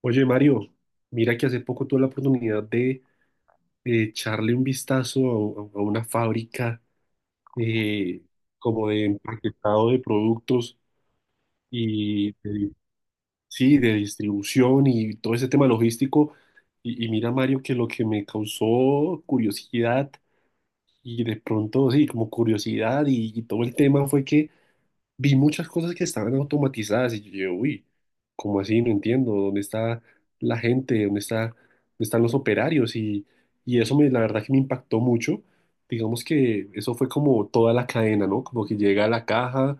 Oye, Mario, mira que hace poco tuve la oportunidad de echarle un vistazo a una fábrica, eh, como de empaquetado de productos y de- sí, de distribución y todo ese tema logístico. Y mira, Mario, que lo que me causó curiosidad y de pronto, sí, como curiosidad y todo el tema fue que vi muchas cosas que estaban automatizadas y yo, uy, ¿cómo así? No entiendo, ¿dónde está la gente? ¿Dónde está, dónde están los operarios? Y eso me, la verdad que me impactó mucho. Digamos que eso fue como toda la cadena, ¿no? Como que llega a la caja,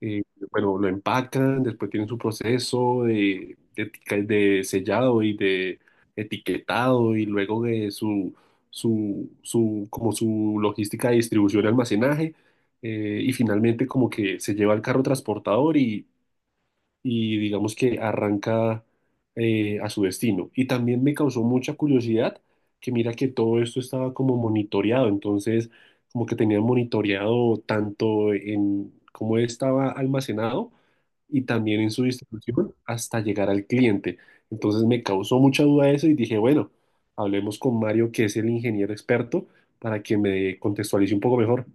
eh, bueno, lo empacan, después tienen su proceso de sellado y de etiquetado y luego de su, como su logística de distribución y almacenaje, y finalmente como que se lleva al carro transportador y digamos que arranca a su destino. Y también me causó mucha curiosidad que mira que todo esto estaba como monitoreado, entonces como que tenían monitoreado tanto en cómo estaba almacenado y también en su distribución hasta llegar al cliente. Entonces me causó mucha duda eso y dije, bueno, hablemos con Mario, que es el ingeniero experto, para que me contextualice un poco mejor.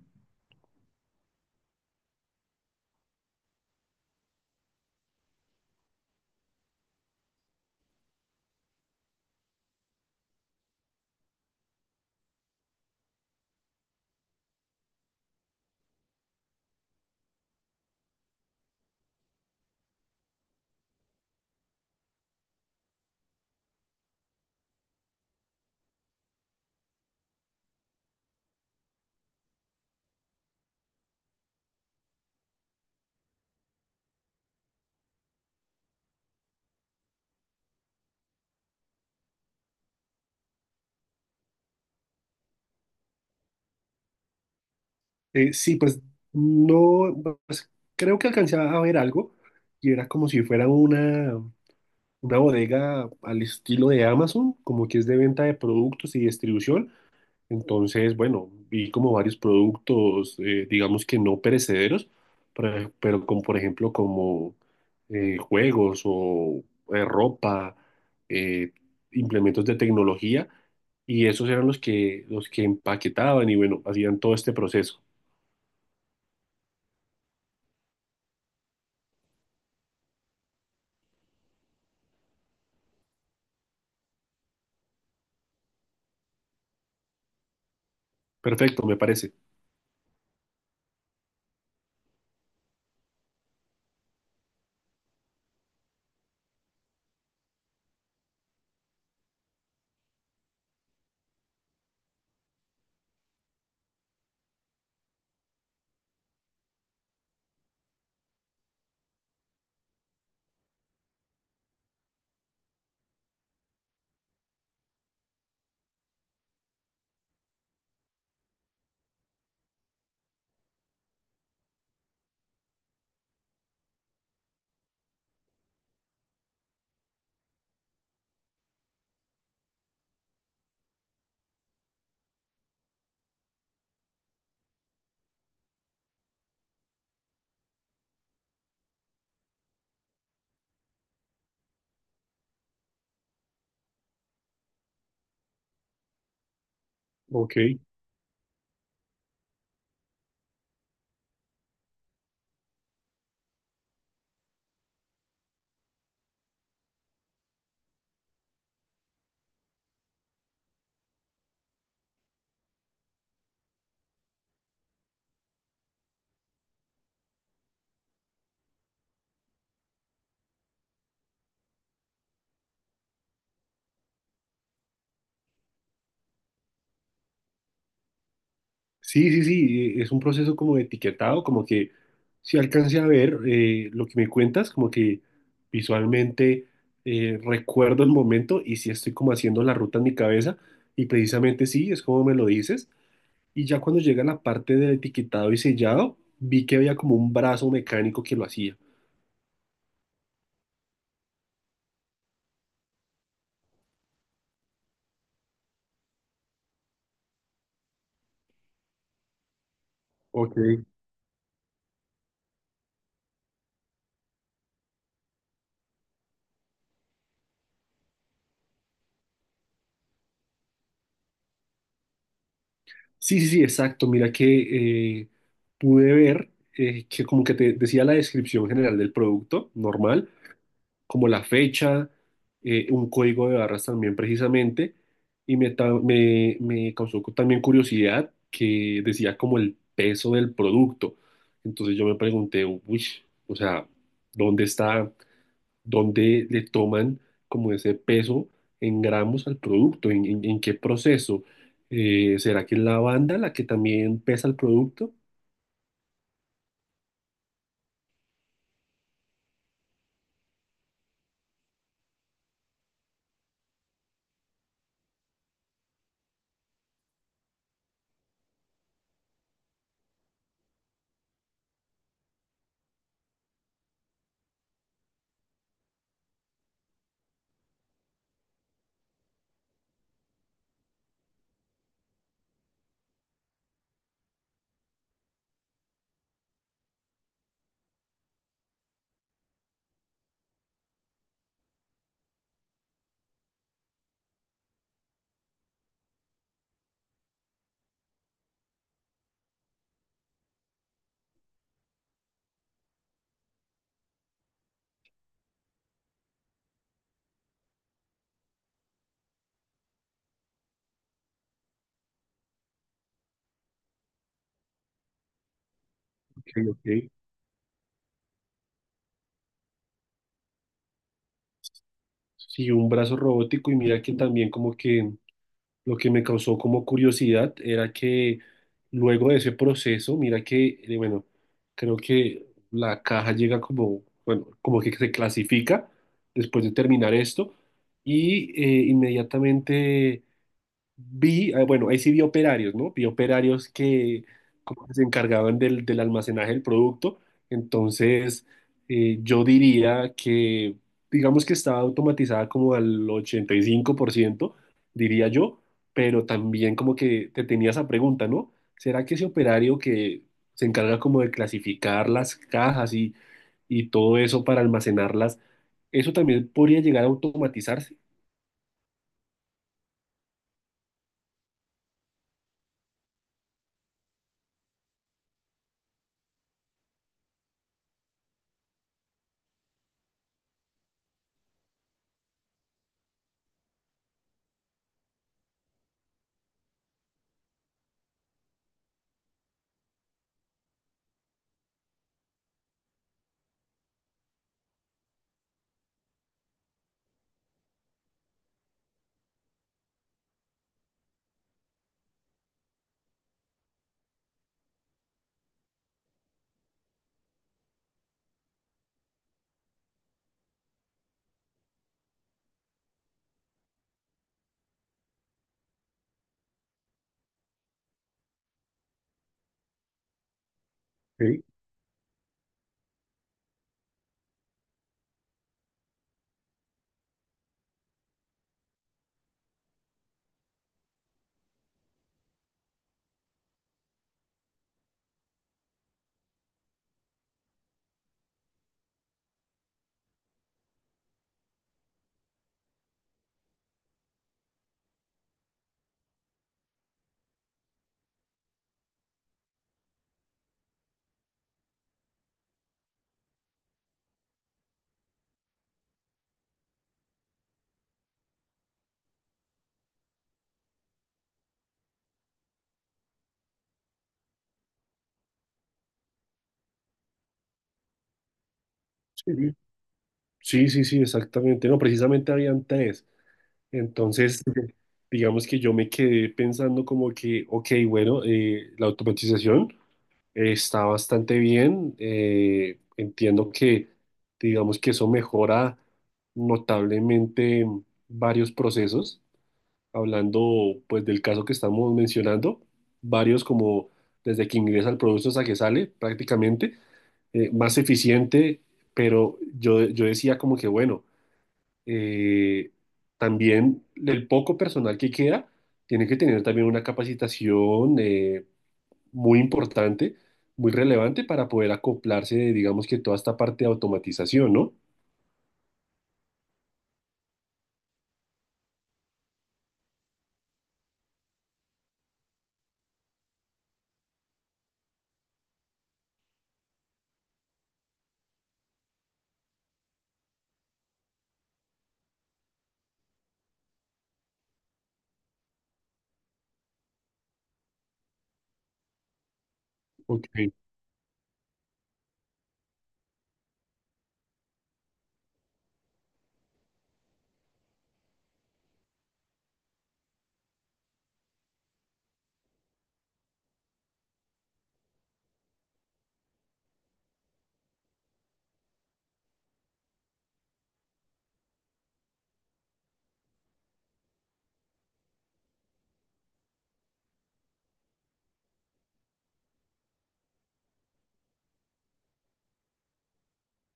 Sí, pues no, pues, creo que alcancé a ver algo y era como si fuera una bodega al estilo de Amazon, como que es de venta de productos y distribución. Entonces, bueno, vi como varios productos, digamos que no perecederos, pero como por ejemplo como juegos o ropa, eh, implementos de tecnología y esos eran los que empaquetaban y bueno, hacían todo este proceso. Perfecto, me parece. Ok. Sí, sí, sí, es un proceso como de etiquetado, como que si alcancé a ver, lo que me cuentas, como que visualmente recuerdo el momento y si estoy como haciendo la ruta en mi cabeza y precisamente sí, es como me lo dices. Y ya cuando llega la parte del etiquetado y sellado, vi que había como un brazo mecánico que lo hacía. Ok. Sí, sí, sí, exacto. Mira que, pude ver, que como que te decía la descripción general del producto normal, como la fecha, un código de barras también precisamente, y me causó también curiosidad que decía como el peso del producto. Entonces yo me pregunté, uy, o sea, ¿dónde está, dónde le toman como ese peso en gramos al producto? En qué proceso? ¿Será que es la banda la que también pesa el producto? Ok, ok. Sí, un brazo robótico y mira que también como que lo que me causó como curiosidad era que luego de ese proceso, mira que, bueno, creo que la caja llega como, bueno, como que se clasifica después de terminar esto y inmediatamente vi, bueno, ahí sí vi operarios, ¿no? Vi operarios que como que se encargaban del almacenaje del producto. Entonces, yo diría que, digamos que estaba automatizada como al 85%, diría yo, pero también como que te tenía esa pregunta, ¿no? ¿Será que ese operario que se encarga como de clasificar las cajas y todo eso para almacenarlas, eso también podría llegar a automatizarse? Sí, sí, sí, sí, sí, exactamente. No, precisamente habían tres. Entonces, ujú, digamos que yo me quedé pensando como que, ok, bueno, la automatización, está bastante bien. Eh, entiendo que, digamos que eso mejora notablemente varios procesos. Hablando pues del caso que estamos mencionando, varios como desde que ingresa el producto hasta que sale prácticamente, más eficiente, pero yo decía como que, bueno, eh, también el poco personal que queda tiene que tener también una capacitación, muy importante, muy relevante para poder acoplarse, digamos que toda esta parte de automatización, ¿no? Ok,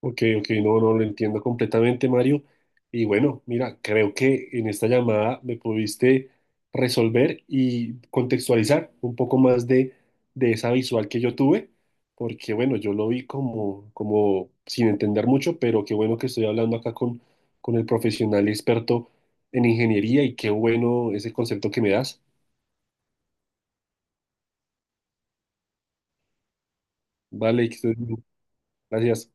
ok, ok, no, no lo entiendo completamente, Mario. Y bueno, mira, creo que en esta llamada me pudiste resolver y contextualizar un poco más de esa visual que yo tuve, porque bueno, yo lo vi como, como sin entender mucho, pero qué bueno que estoy hablando acá con el profesional experto en ingeniería y qué bueno ese concepto que me das. Vale, que estés bien. Gracias.